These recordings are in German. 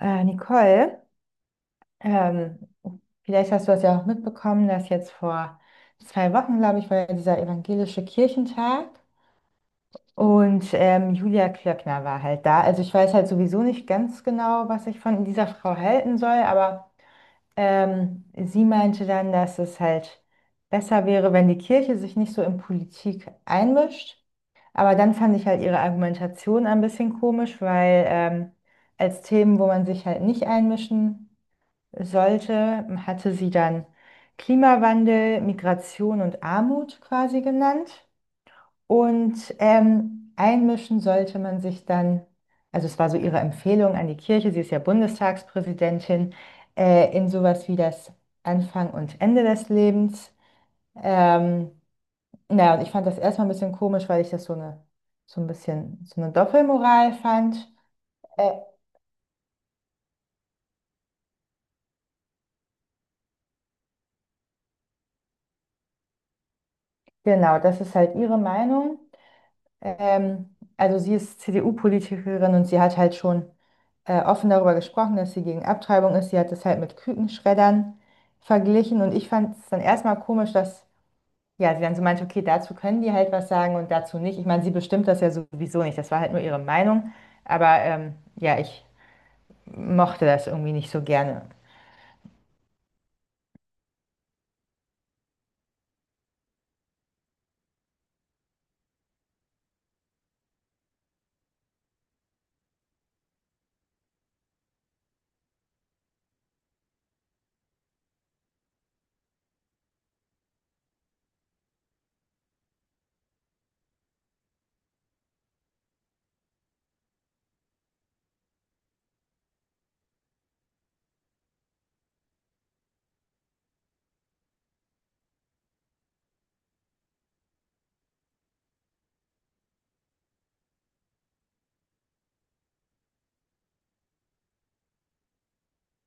Nicole, ähm, vielleicht hast du das ja auch mitbekommen, dass jetzt vor 2 Wochen, glaube ich, war ja dieser evangelische Kirchentag und Julia Klöckner war halt da. Also ich weiß halt sowieso nicht ganz genau, was ich von dieser Frau halten soll, aber sie meinte dann, dass es halt besser wäre, wenn die Kirche sich nicht so in Politik einmischt. Aber dann fand ich halt ihre Argumentation ein bisschen komisch, weil als Themen, wo man sich halt nicht einmischen sollte, hatte sie dann Klimawandel, Migration und Armut quasi genannt. Und einmischen sollte man sich dann, also es war so ihre Empfehlung an die Kirche, sie ist ja Bundestagspräsidentin, in sowas wie das Anfang und Ende des Lebens. Ähm, naja, und ich fand das erstmal ein bisschen komisch, weil ich das so eine, so ein bisschen, so eine Doppelmoral fand. Äh, genau, das ist halt ihre Meinung. Also sie ist CDU-Politikerin und sie hat halt schon offen darüber gesprochen, dass sie gegen Abtreibung ist. Sie hat das halt mit Kükenschreddern verglichen und ich fand es dann erstmal komisch, dass ja, sie dann so meinte, okay, dazu können die halt was sagen und dazu nicht. Ich meine, sie bestimmt das ja sowieso nicht. Das war halt nur ihre Meinung. Aber ja, ich mochte das irgendwie nicht so gerne.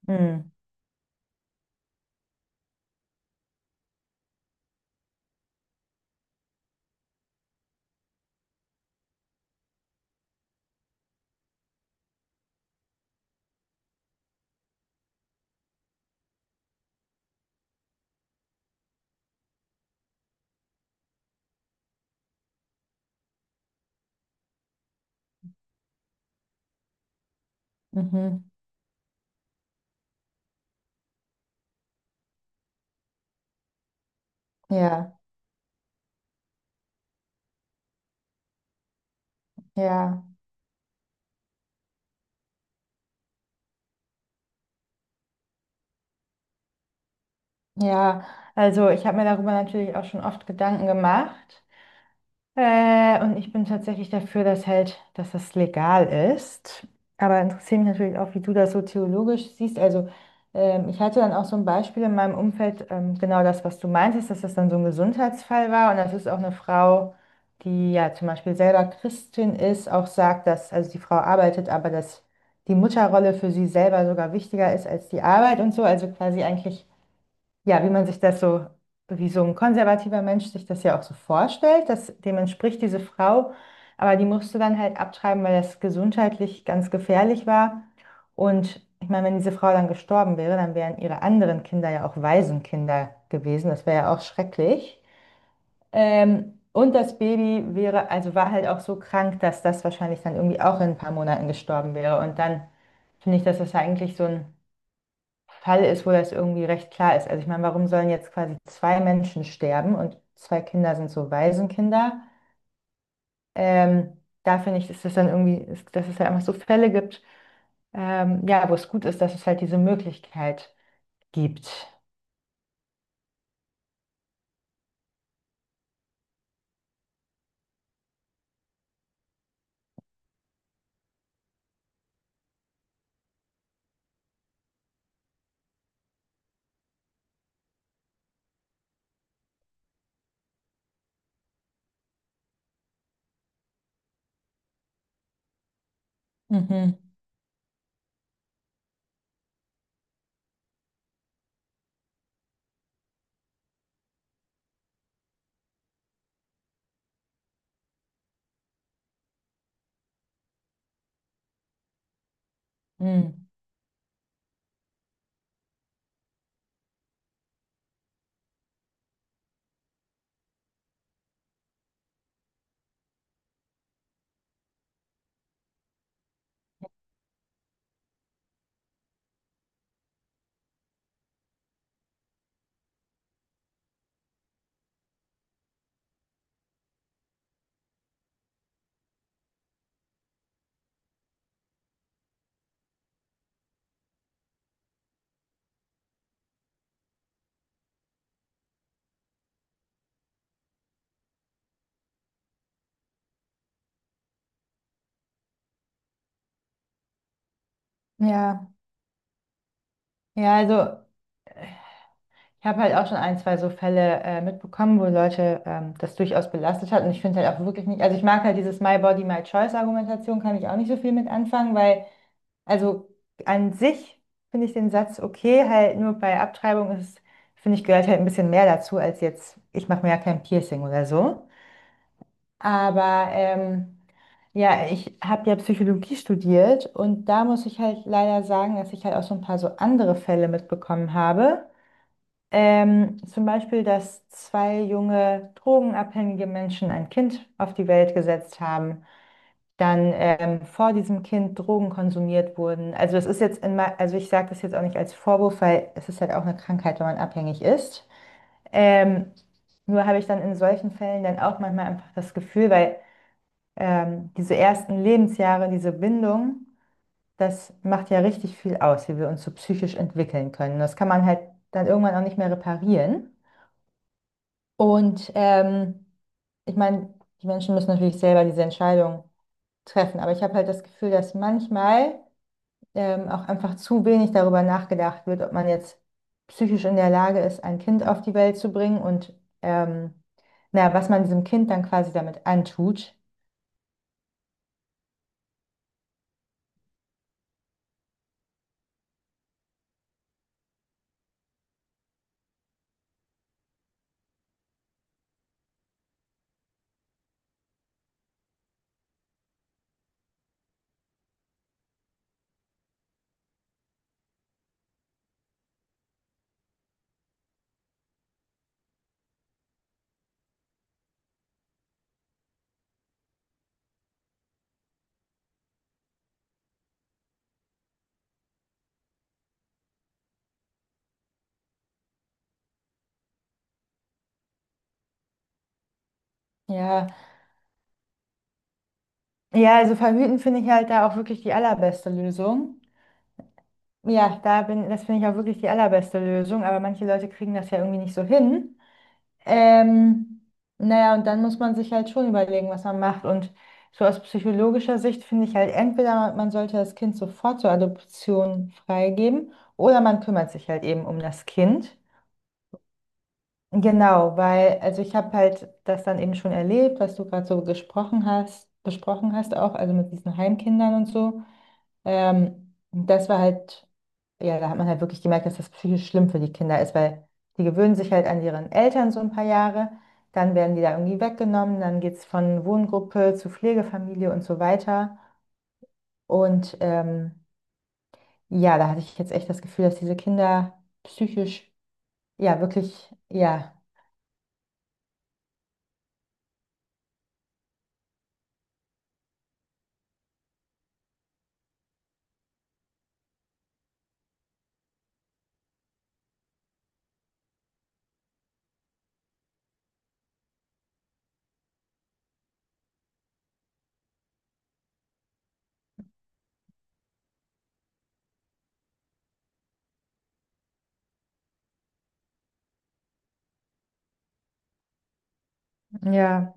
Mm, mhm. Ja, ja, ja. Also ich habe mir darüber natürlich auch schon oft Gedanken gemacht. Und ich bin tatsächlich dafür, dass halt, dass das legal ist. Aber interessiert mich natürlich auch, wie du das so theologisch siehst. Also ich hatte dann auch so ein Beispiel in meinem Umfeld, genau das, was du meintest, dass das dann so ein Gesundheitsfall war. Und das ist auch eine Frau, die ja zum Beispiel selber Christin ist, auch sagt, dass, also die Frau arbeitet, aber dass die Mutterrolle für sie selber sogar wichtiger ist als die Arbeit und so. Also quasi eigentlich ja, wie man sich das so, wie so ein konservativer Mensch sich das ja auch so vorstellt, dass dem entspricht diese Frau, aber die musste dann halt abtreiben, weil das gesundheitlich ganz gefährlich war. Und ich meine, wenn diese Frau dann gestorben wäre, dann wären ihre anderen Kinder ja auch Waisenkinder gewesen. Das wäre ja auch schrecklich. Und das Baby wäre, also war halt auch so krank, dass das wahrscheinlich dann irgendwie auch in ein paar Monaten gestorben wäre. Und dann finde ich, dass das eigentlich so ein Fall ist, wo das irgendwie recht klar ist. Also ich meine, warum sollen jetzt quasi 2 Menschen sterben und 2 Kinder sind so Waisenkinder? Ähm, da finde ich, ist das dann irgendwie, ist, dass es halt einfach so Fälle gibt, ja, wo es gut ist, dass es halt diese Möglichkeit gibt. Mhm. Mhm. Ja, ja, also ich habe halt auch schon 1, 2 so Fälle mitbekommen, wo Leute das durchaus belastet hat und ich finde halt auch wirklich nicht, also ich mag halt dieses My Body, My Choice Argumentation, kann ich auch nicht so viel mit anfangen, weil also an sich finde ich den Satz okay, halt nur bei Abtreibung ist, finde ich, gehört halt ein bisschen mehr dazu als jetzt, ich mache mir ja kein Piercing oder so. Aber ja, ich habe ja Psychologie studiert und da muss ich halt leider sagen, dass ich halt auch so ein paar so andere Fälle mitbekommen habe. Zum Beispiel, dass 2 junge drogenabhängige Menschen ein Kind auf die Welt gesetzt haben dann vor diesem Kind Drogen konsumiert wurden. Also das ist jetzt in, also ich sage das jetzt auch nicht als Vorwurf, weil es ist halt auch eine Krankheit, wenn man abhängig ist. Ähm, nur habe ich dann in solchen Fällen dann auch manchmal einfach das Gefühl, weil diese ersten Lebensjahre, diese Bindung, das macht ja richtig viel aus, wie wir uns so psychisch entwickeln können. Das kann man halt dann irgendwann auch nicht mehr reparieren. Und ich meine, die Menschen müssen natürlich selber diese Entscheidung treffen, aber ich habe halt das Gefühl, dass manchmal auch einfach zu wenig darüber nachgedacht wird, ob man jetzt psychisch in der Lage ist, ein Kind auf die Welt zu bringen und ähm, na, was man diesem Kind dann quasi damit antut. Ja, ja, also verhüten finde ich halt da auch wirklich die allerbeste Lösung. Ja, da bin, das finde ich auch wirklich die allerbeste Lösung, aber manche Leute kriegen das ja irgendwie nicht so hin. Ähm, naja, und dann muss man sich halt schon überlegen, was man macht. Und so aus psychologischer Sicht finde ich halt, entweder man sollte das Kind sofort zur Adoption freigeben oder man kümmert sich halt eben um das Kind. Genau, weil, also ich habe halt das dann eben schon erlebt, was du gerade so gesprochen hast, besprochen hast auch, also mit diesen Heimkindern und so. Und das war halt, ja, da hat man halt wirklich gemerkt, dass das psychisch schlimm für die Kinder ist, weil die gewöhnen sich halt an ihren Eltern so ein paar Jahre, dann werden die da irgendwie weggenommen, dann geht es von Wohngruppe zu Pflegefamilie und so weiter. Und ja, da hatte ich jetzt echt das Gefühl, dass diese Kinder psychisch, ja, wirklich, ja, ja,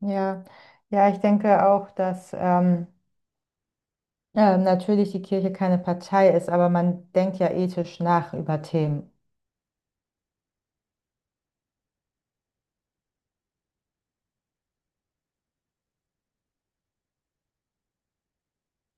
ja, ja, ich denke auch, dass natürlich die Kirche keine Partei ist, aber man denkt ja ethisch nach über Themen.